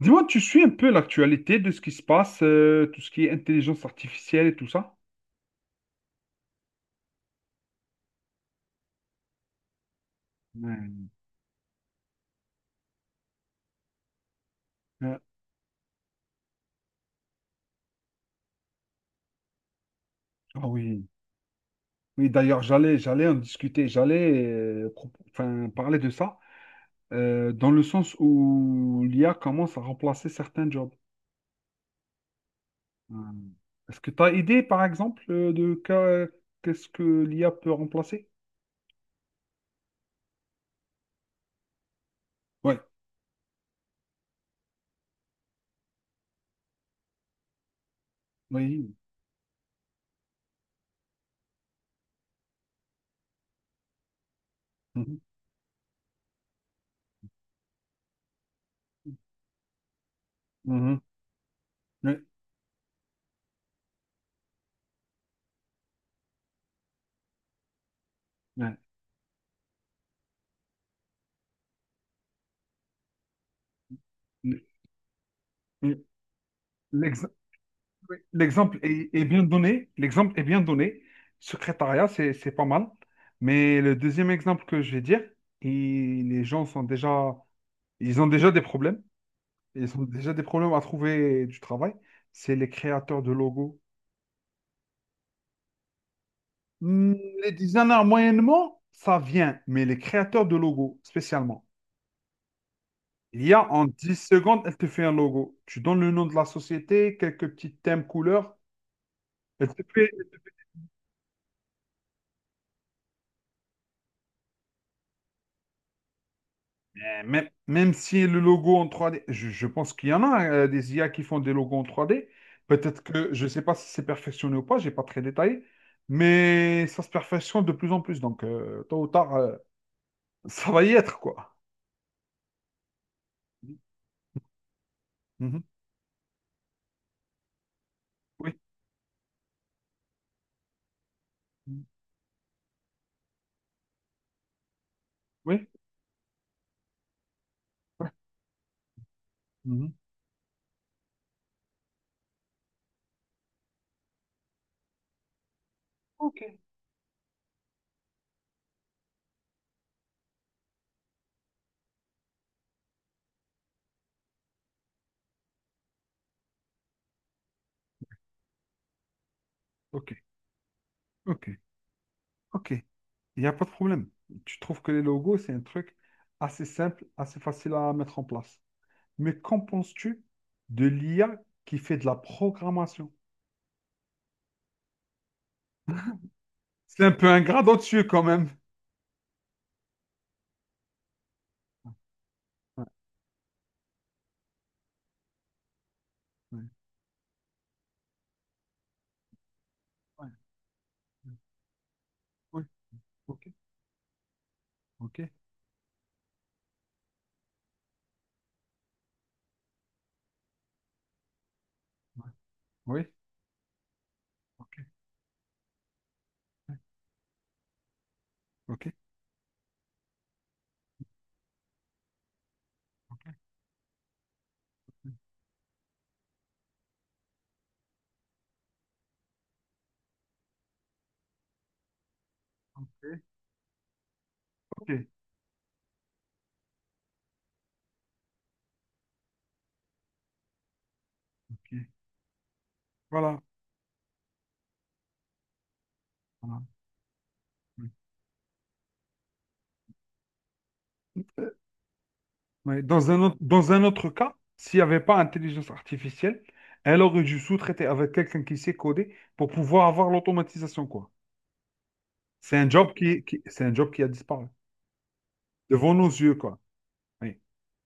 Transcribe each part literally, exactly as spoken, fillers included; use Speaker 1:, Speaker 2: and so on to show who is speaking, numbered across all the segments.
Speaker 1: Dis-moi, tu suis un peu l'actualité de ce qui se passe, euh, tout ce qui est intelligence artificielle et tout ça? Ouais. Euh, ah oui, oui. D'ailleurs, j'allais, j'allais en discuter, j'allais, euh, pro- enfin, parler de ça, euh, dans le sens où l'I A commence à remplacer certains jobs. Ouais. Est-ce que tu as idée, par exemple, euh, de qu'est- qu'est-ce que l'I A peut remplacer? Ouais, oui. Mhm. Mhm. Oui. Ouais. L- l- l'ex- Oui, l'exemple est, est bien donné. L'exemple est bien donné. Secrétariat, c'est, c'est pas mal. Mais le deuxième exemple que je vais dire, il- les gens sont déjà, ils ont déjà des problèmes. Ils ont déjà des problèmes à trouver du travail. C'est les créateurs de logos. Hmm, Les designers, moyennement, ça vient. Mais les créateurs de logos, spécialement. Il y a en dix secondes, elle te fait un logo. Tu donnes le nom de la société, quelques petits thèmes, couleurs. Elle te fait. Euh, Même, même si le logo en trois d je, je pense qu'il y en a euh, des I A qui font des logos en trois d. Peut-être que, je ne sais pas si c'est perfectionné ou pas, je n'ai pas très détaillé, mais ça se perfectionne de plus en plus. Donc, euh, tôt ou tard, euh, ça va y être, quoi. Mhm. Oui, Mhm. Oui, ouais. Mhm. Ok, ok, ok, ok. Il n'y a pas de problème. Tu trouves que les logos, c'est un truc assez simple, assez facile à mettre en place. Mais qu'en penses-tu de l'I A qui fait de la programmation? C'est un peu ingrat dessus quand même. Ouais, ouais, ouais, ouais. Oui, ok, ok, ouais, oui, ok, ouais, ok, ok, ouais, ok, ok. Voilà. Voilà, oui. Euh, ouais, dans un autre, dans un autre cas, s'il n'y avait pas intelligence artificielle, elle aurait dû sous-traiter avec quelqu'un qui sait coder pour pouvoir avoir l'automatisation, quoi. C'est un job qui, qui- c'est un job qui a disparu devant nos yeux, quoi. Oui.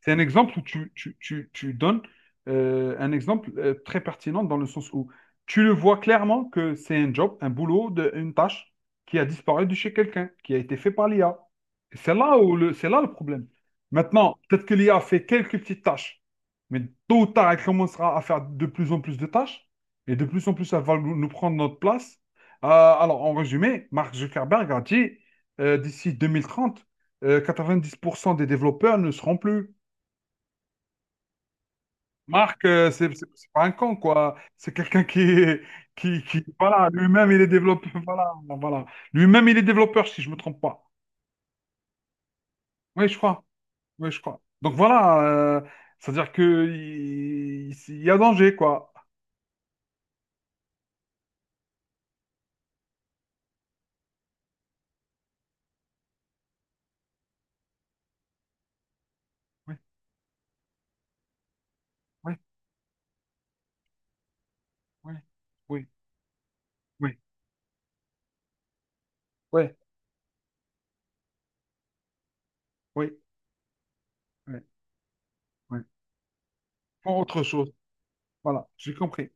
Speaker 1: C'est un exemple où tu, tu- tu- tu donnes euh, un exemple euh, très pertinent dans le sens où tu le vois clairement que c'est un job, un boulot, de- une tâche qui a disparu de chez quelqu'un, qui a été fait par l'I A. Et C'est là où le, c'est là le problème. Maintenant, peut-être que l'I A fait quelques petites tâches, mais tôt ou tard, elle commencera à faire de plus en plus de tâches et de plus en plus, elle va nous nous prendre notre place. Euh, alors, en résumé, Mark Zuckerberg a dit euh, d'ici deux mille trente, euh, quatre-vingt-dix pour cent des développeurs ne seront plus. Marc, euh, c'est c'est- c'est pas un con, quoi. C'est quelqu'un qui, est- qui, qui, voilà, lui-même, il est développeur. Voilà, voilà. Lui-même, il est développeur, si je me trompe pas. Oui, je crois. Oui, je crois. Donc voilà, euh, c'est-à-dire que il, il y a danger, quoi. Oui, oui, oui, oui, oui, oui, oui, oui, oui. Pour autre chose. Voilà, j'ai compris.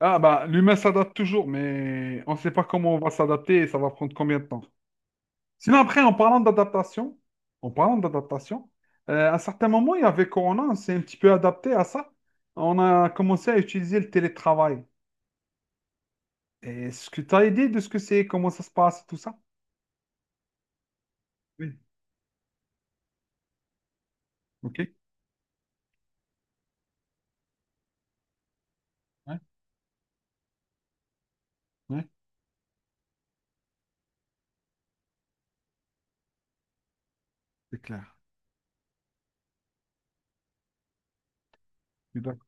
Speaker 1: Ah, bah, l'humain s'adapte toujours, mais on ne sait pas comment on va s'adapter et ça va prendre combien de temps. Sinon, après, en parlant d'adaptation, en parlant d'adaptation, euh, à un certain moment, il y avait Corona, on s'est un petit peu adapté à ça. On a commencé à utiliser le télétravail. Et est-ce que tu as idée de ce que c'est, comment ça se passe, tout ça? Oui, ok. Ouais, ouais, c'est clair. Je suis d'accord.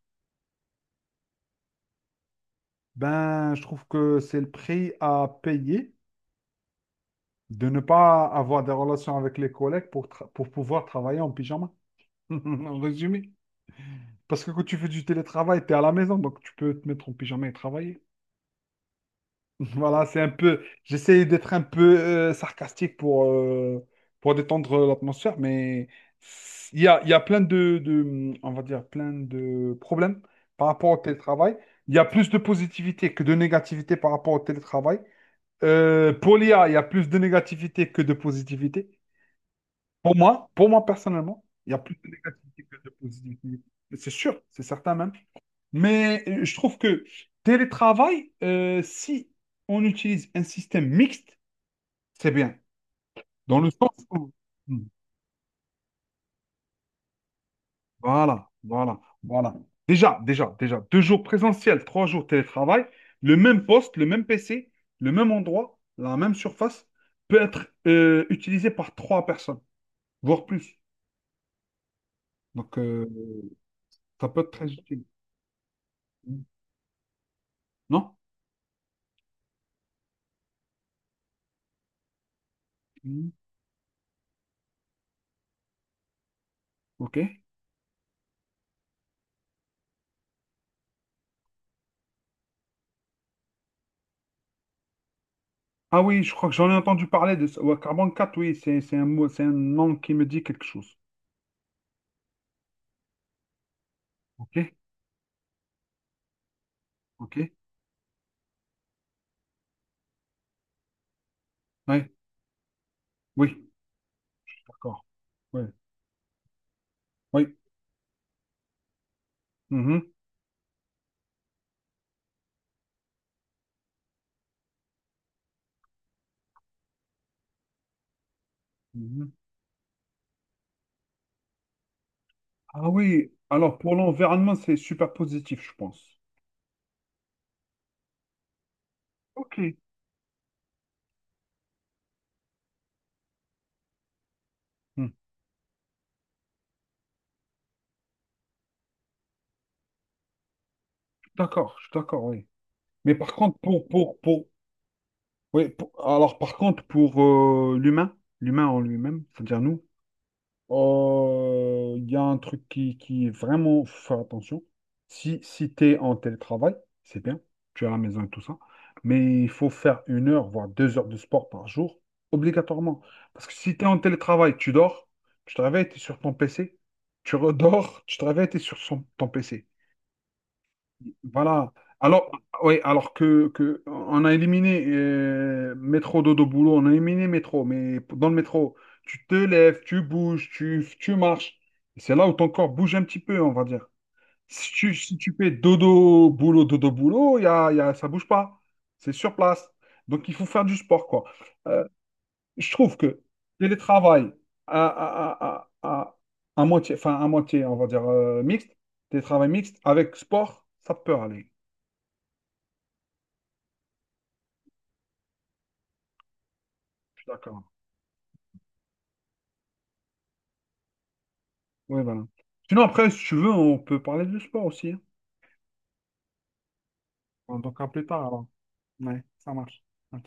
Speaker 1: Ben, je trouve que c'est le prix à payer de ne pas avoir des relations avec les collègues pour, tra- pour pouvoir travailler en pyjama. En résumé. Parce que quand tu fais du télétravail, tu es à la maison, donc tu peux te mettre en pyjama et travailler. Voilà, c'est un peu. J'essaie d'être un peu euh, sarcastique pour, euh, pour détendre l'atmosphère, mais il y a, il y a plein de, de, on va dire, plein de problèmes par rapport au télétravail. Il y a plus de positivité que de négativité par rapport au télétravail. Euh, pour l'I A, il y a plus de négativité que de positivité. Pour moi, pour moi personnellement, il y a plus de négativité que de positivité. C'est sûr, c'est certain même. Mais euh, je trouve que télétravail, euh, si on utilise un système mixte, c'est bien. Dans le sens où. Hmm. Voilà, voilà, voilà. Déjà, déjà, déjà, deux jours présentiel, trois jours télétravail, le même poste, le même P C, le même endroit, la même surface peut être euh, utilisé par trois personnes, voire plus. Donc, euh, ça peut être très utile. Hmm. Non? Hmm. OK. Ah oui, je crois que j'en ai entendu parler de ça. Ouais, Carbone quatre. Oui, c'est c'est un mot, c'est un nom qui me dit quelque chose. Ok, ok, ouais, oui, d'accord. Ouais, oui. Mhm, mhm. Ah oui, alors pour l'environnement, c'est super positif, je pense. Ok, hmm, d'accord, je suis d'accord, oui. Mais par contre, pour, pour, pour, oui, pour- alors par contre, pour euh, l'humain, l'humain en lui-même, c'est-à-dire nous. Euh, Il y a un truc qui, qui est vraiment, faut faire attention. Si, si tu es en télétravail, c'est bien, tu es à la maison et tout ça, mais il faut faire une heure, voire deux heures de sport par jour, obligatoirement. Parce que si tu es en télétravail, tu dors, tu te réveilles, tu es sur ton P C, tu redors, tu te réveilles, tu es sur son- ton P C. Voilà. Alors, oui, alors que, que on a éliminé euh, métro, dodo, boulot, on a éliminé métro, mais dans le métro, tu te lèves, tu bouges, tu, tu marches. C'est là où ton corps bouge un petit peu, on va dire. Si tu, si tu fais dodo, boulot, dodo, boulot, y a, y a, ça bouge pas. C'est sur place. Donc, il faut faire du sport, quoi. Euh, je trouve que télétravail à, à, à, à, à, à moitié, enfin, à moitié, on va dire euh, mixte, télétravail mixte avec sport, ça peut aller. D'accord. Oui, voilà. Sinon, après, si tu veux, on peut parler de sport aussi. Hein. On en plus tard, alors. Ouais, ça marche. Ok.